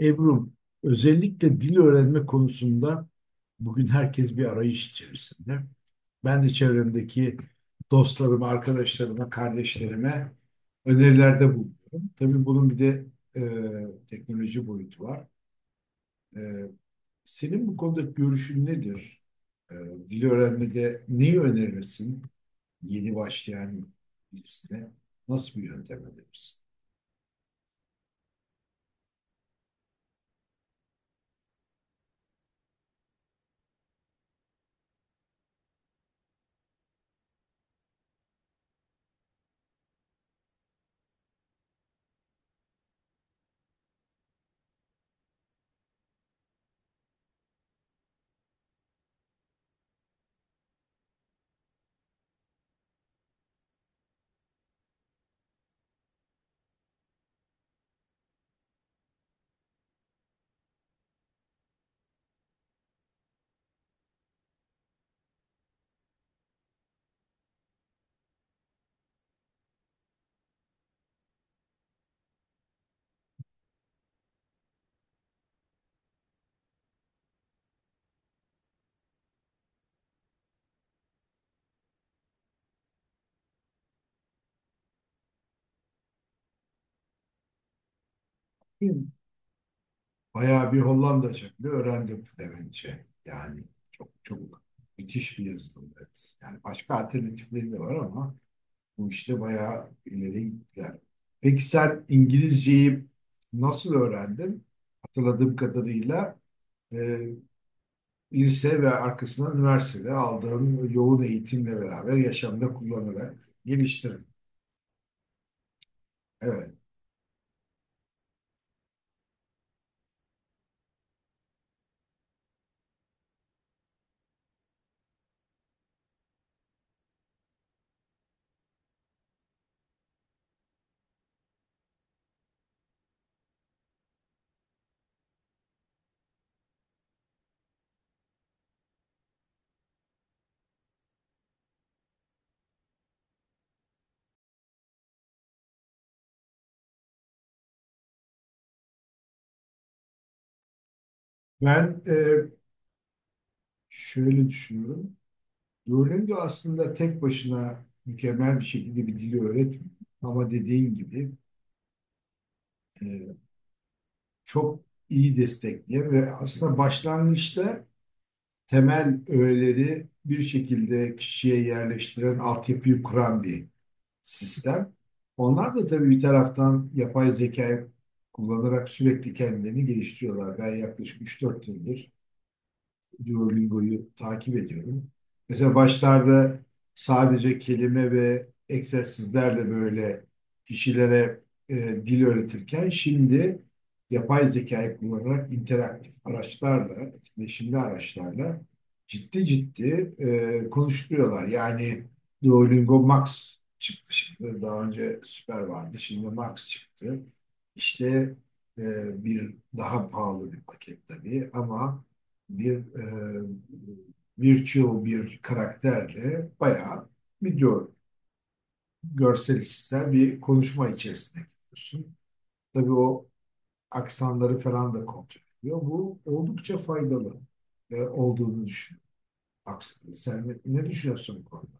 Ebru, özellikle dil öğrenme konusunda bugün herkes bir arayış içerisinde. Ben de çevremdeki dostlarıma, arkadaşlarıma, kardeşlerime önerilerde bulunuyorum. Tabii bunun bir de teknoloji boyutu var. E, Senin bu konudaki görüşün nedir? E, Dil öğrenmede neyi önerirsin? Yeni başlayan birisine nasıl bir yöntem önerirsin? Bayağı bir Hollanda şekli öğrendim Flemençe. Yani çok müthiş bir yazılım. Evet. Yani başka alternatifleri de var ama bu işte bayağı ileri gittiler. Peki sen İngilizceyi nasıl öğrendin? Hatırladığım kadarıyla e, lise ve arkasından üniversitede aldığım yoğun eğitimle beraber yaşamda kullanarak geliştirdim. Evet. Ben şöyle düşünüyorum. Duolingo aslında tek başına mükemmel bir şekilde bir dili öğretmiyor. Ama dediğin gibi e, çok iyi destekleyen ve aslında başlangıçta temel öğeleri bir şekilde kişiye yerleştiren, altyapıyı kuran bir sistem. Onlar da tabii bir taraftan yapay zekayı kullanarak sürekli kendilerini geliştiriyorlar. Ben yaklaşık üç dört yıldır Duolingo'yu takip ediyorum. Mesela başlarda sadece kelime ve egzersizlerle böyle kişilere e, dil öğretirken şimdi yapay zekayı kullanarak interaktif araçlarla, etkileşimli araçlarla ciddi ciddi konuşturuyorlar. Yani Duolingo Max çıktı şimdi. Daha önce Super vardı. Şimdi Max çıktı. İşte e, bir daha pahalı bir paket tabii ama bir virtual bir karakterle bayağı video görsel işitsel bir konuşma içerisinde gidiyorsun. Tabii o aksanları falan da kontrol ediyor. Bu oldukça faydalı olduğunu düşünüyorum. Sen ne düşünüyorsun bu konuda?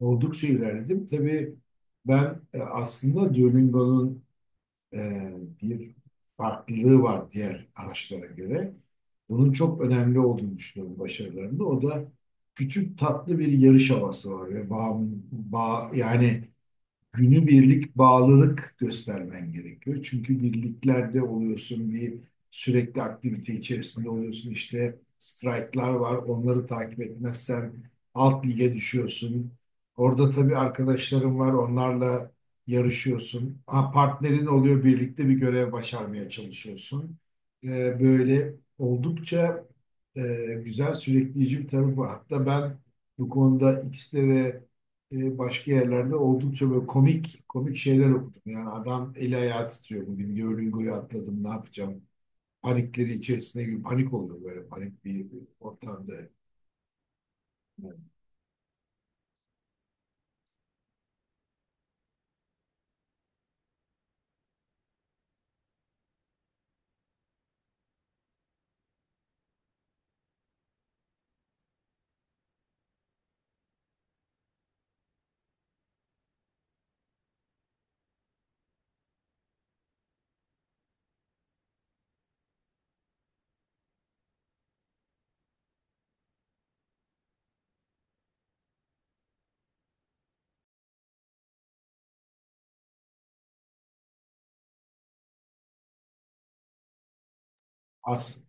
Oldukça ilerledim. Tabii ben aslında Duolingo'nun e, bir farklılığı var diğer araçlara göre. Bunun çok önemli olduğunu düşünüyorum başarılarında. O da küçük tatlı bir yarış havası var ve yani günübirlik bağlılık göstermen gerekiyor. Çünkü birliklerde oluyorsun, bir sürekli aktivite içerisinde oluyorsun. İşte strike'lar var, onları takip etmezsen alt lige düşüyorsun. Orada tabii arkadaşların var, onlarla yarışıyorsun. Ha, partnerin oluyor, birlikte bir görev başarmaya çalışıyorsun. Böyle oldukça e, güzel, sürükleyici bir tarafı var. Hatta ben bu konuda X'te ve başka yerlerde oldukça böyle komik komik şeyler okudum. Yani adam eli ayağı titriyor, bugün Duolingo'yu atladım ne yapacağım? Panik oluyor böyle panik bir ortamda. Yani az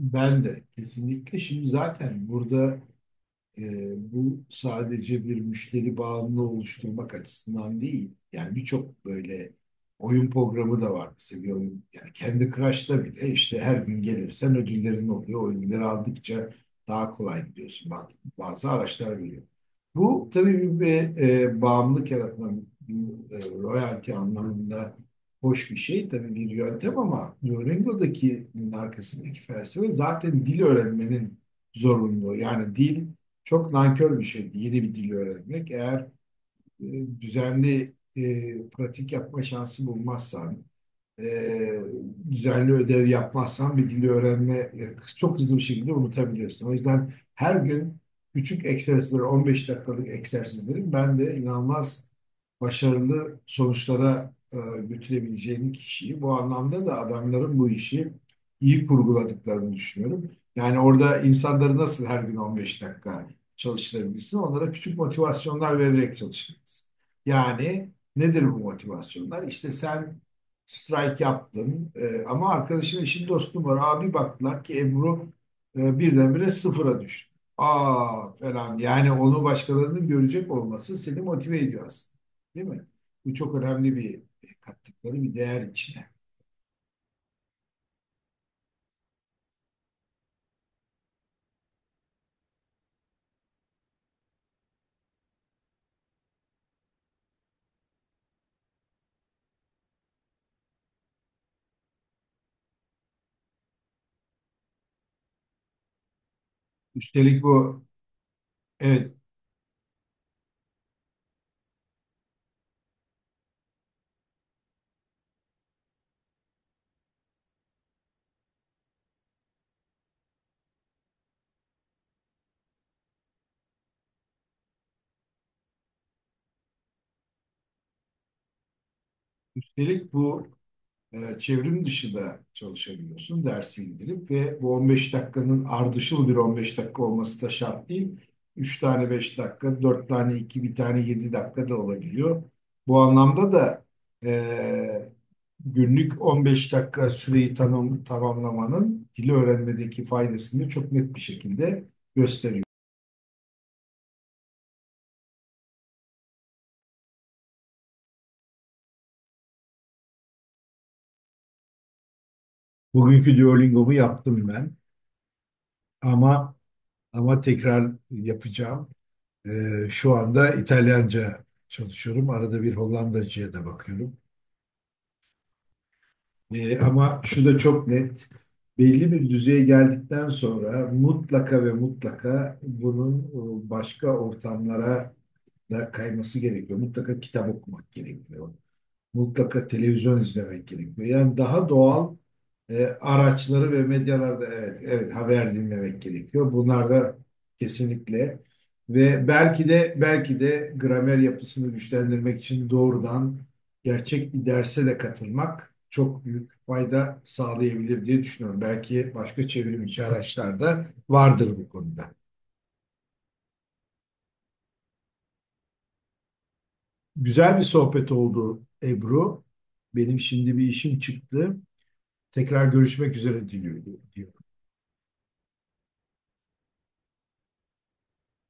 ben de kesinlikle şimdi zaten burada. E, Bu sadece bir müşteri bağımlı oluşturmak açısından değil. Yani birçok böyle oyun programı da var. Mesela bir oyun, yani kendi Crush'ta bile işte her gün gelirsen ödüllerin oluyor. Oyunları aldıkça daha kolay gidiyorsun. Bazı araçlar veriyor. Bu tabii bir bağımlılık yaratma, bir royalty anlamında hoş bir şey. Tabii bir yöntem ama Duolingo'daki arkasındaki felsefe zaten dil öğrenmenin zorunluluğu. Yani dil çok nankör bir şeydi yeni bir dil öğrenmek. Eğer düzenli pratik yapma şansı bulmazsan, e, düzenli ödev yapmazsan bir dili öğrenme çok hızlı bir şekilde unutabilirsin. O yüzden her gün küçük egzersizler, 15 dakikalık egzersizlerin ben de inanılmaz başarılı sonuçlara götürebileceğini kişiyi bu anlamda da adamların bu işi iyi kurguladıklarını düşünüyorum. Yani orada insanları nasıl her gün 15 dakika çalıştırabilirsin? Onlara küçük motivasyonlar vererek çalıştırabilirsin. Yani nedir bu motivasyonlar? İşte sen strike yaptın. E, ama arkadaşın işin dostum var. Abi baktılar ki Ebru birdenbire sıfıra düştü. Aa falan, yani onu başkalarının görecek olması seni motive ediyor aslında. Değil mi? Bu çok önemli bir kattıkları bir değer içine. Üstelik bu, evet, üstelik bu çevrim dışı da çalışabiliyorsun. Dersi indirip ve bu 15 dakikanın ardışıl bir 15 dakika olması da şart değil. 3 tane 5 dakika, 4 tane 2 bir tane 7 dakika da olabiliyor. Bu anlamda da e, günlük 15 dakika süreyi tamamlamanın dili öğrenmedeki faydasını çok net bir şekilde gösteriyor. Bugünkü Duolingo'mu yaptım ben ama tekrar yapacağım. Şu anda İtalyanca çalışıyorum. Arada bir Hollandacıya da bakıyorum. Ama şu da çok net. Belli bir düzeye geldikten sonra mutlaka ve mutlaka bunun başka ortamlara da kayması gerekiyor. Mutlaka kitap okumak gerekiyor, mutlaka televizyon izlemek gerekiyor. Yani daha doğal araçları ve medyalarda, evet, evet, haber dinlemek gerekiyor. Bunlar da kesinlikle ve belki de belki de gramer yapısını güçlendirmek için doğrudan gerçek bir derse de katılmak çok büyük fayda sağlayabilir diye düşünüyorum. Belki başka çevrim içi araçlarda vardır bu konuda. Güzel bir sohbet oldu Ebru. Benim şimdi bir işim çıktı. Tekrar görüşmek üzere diliyorum.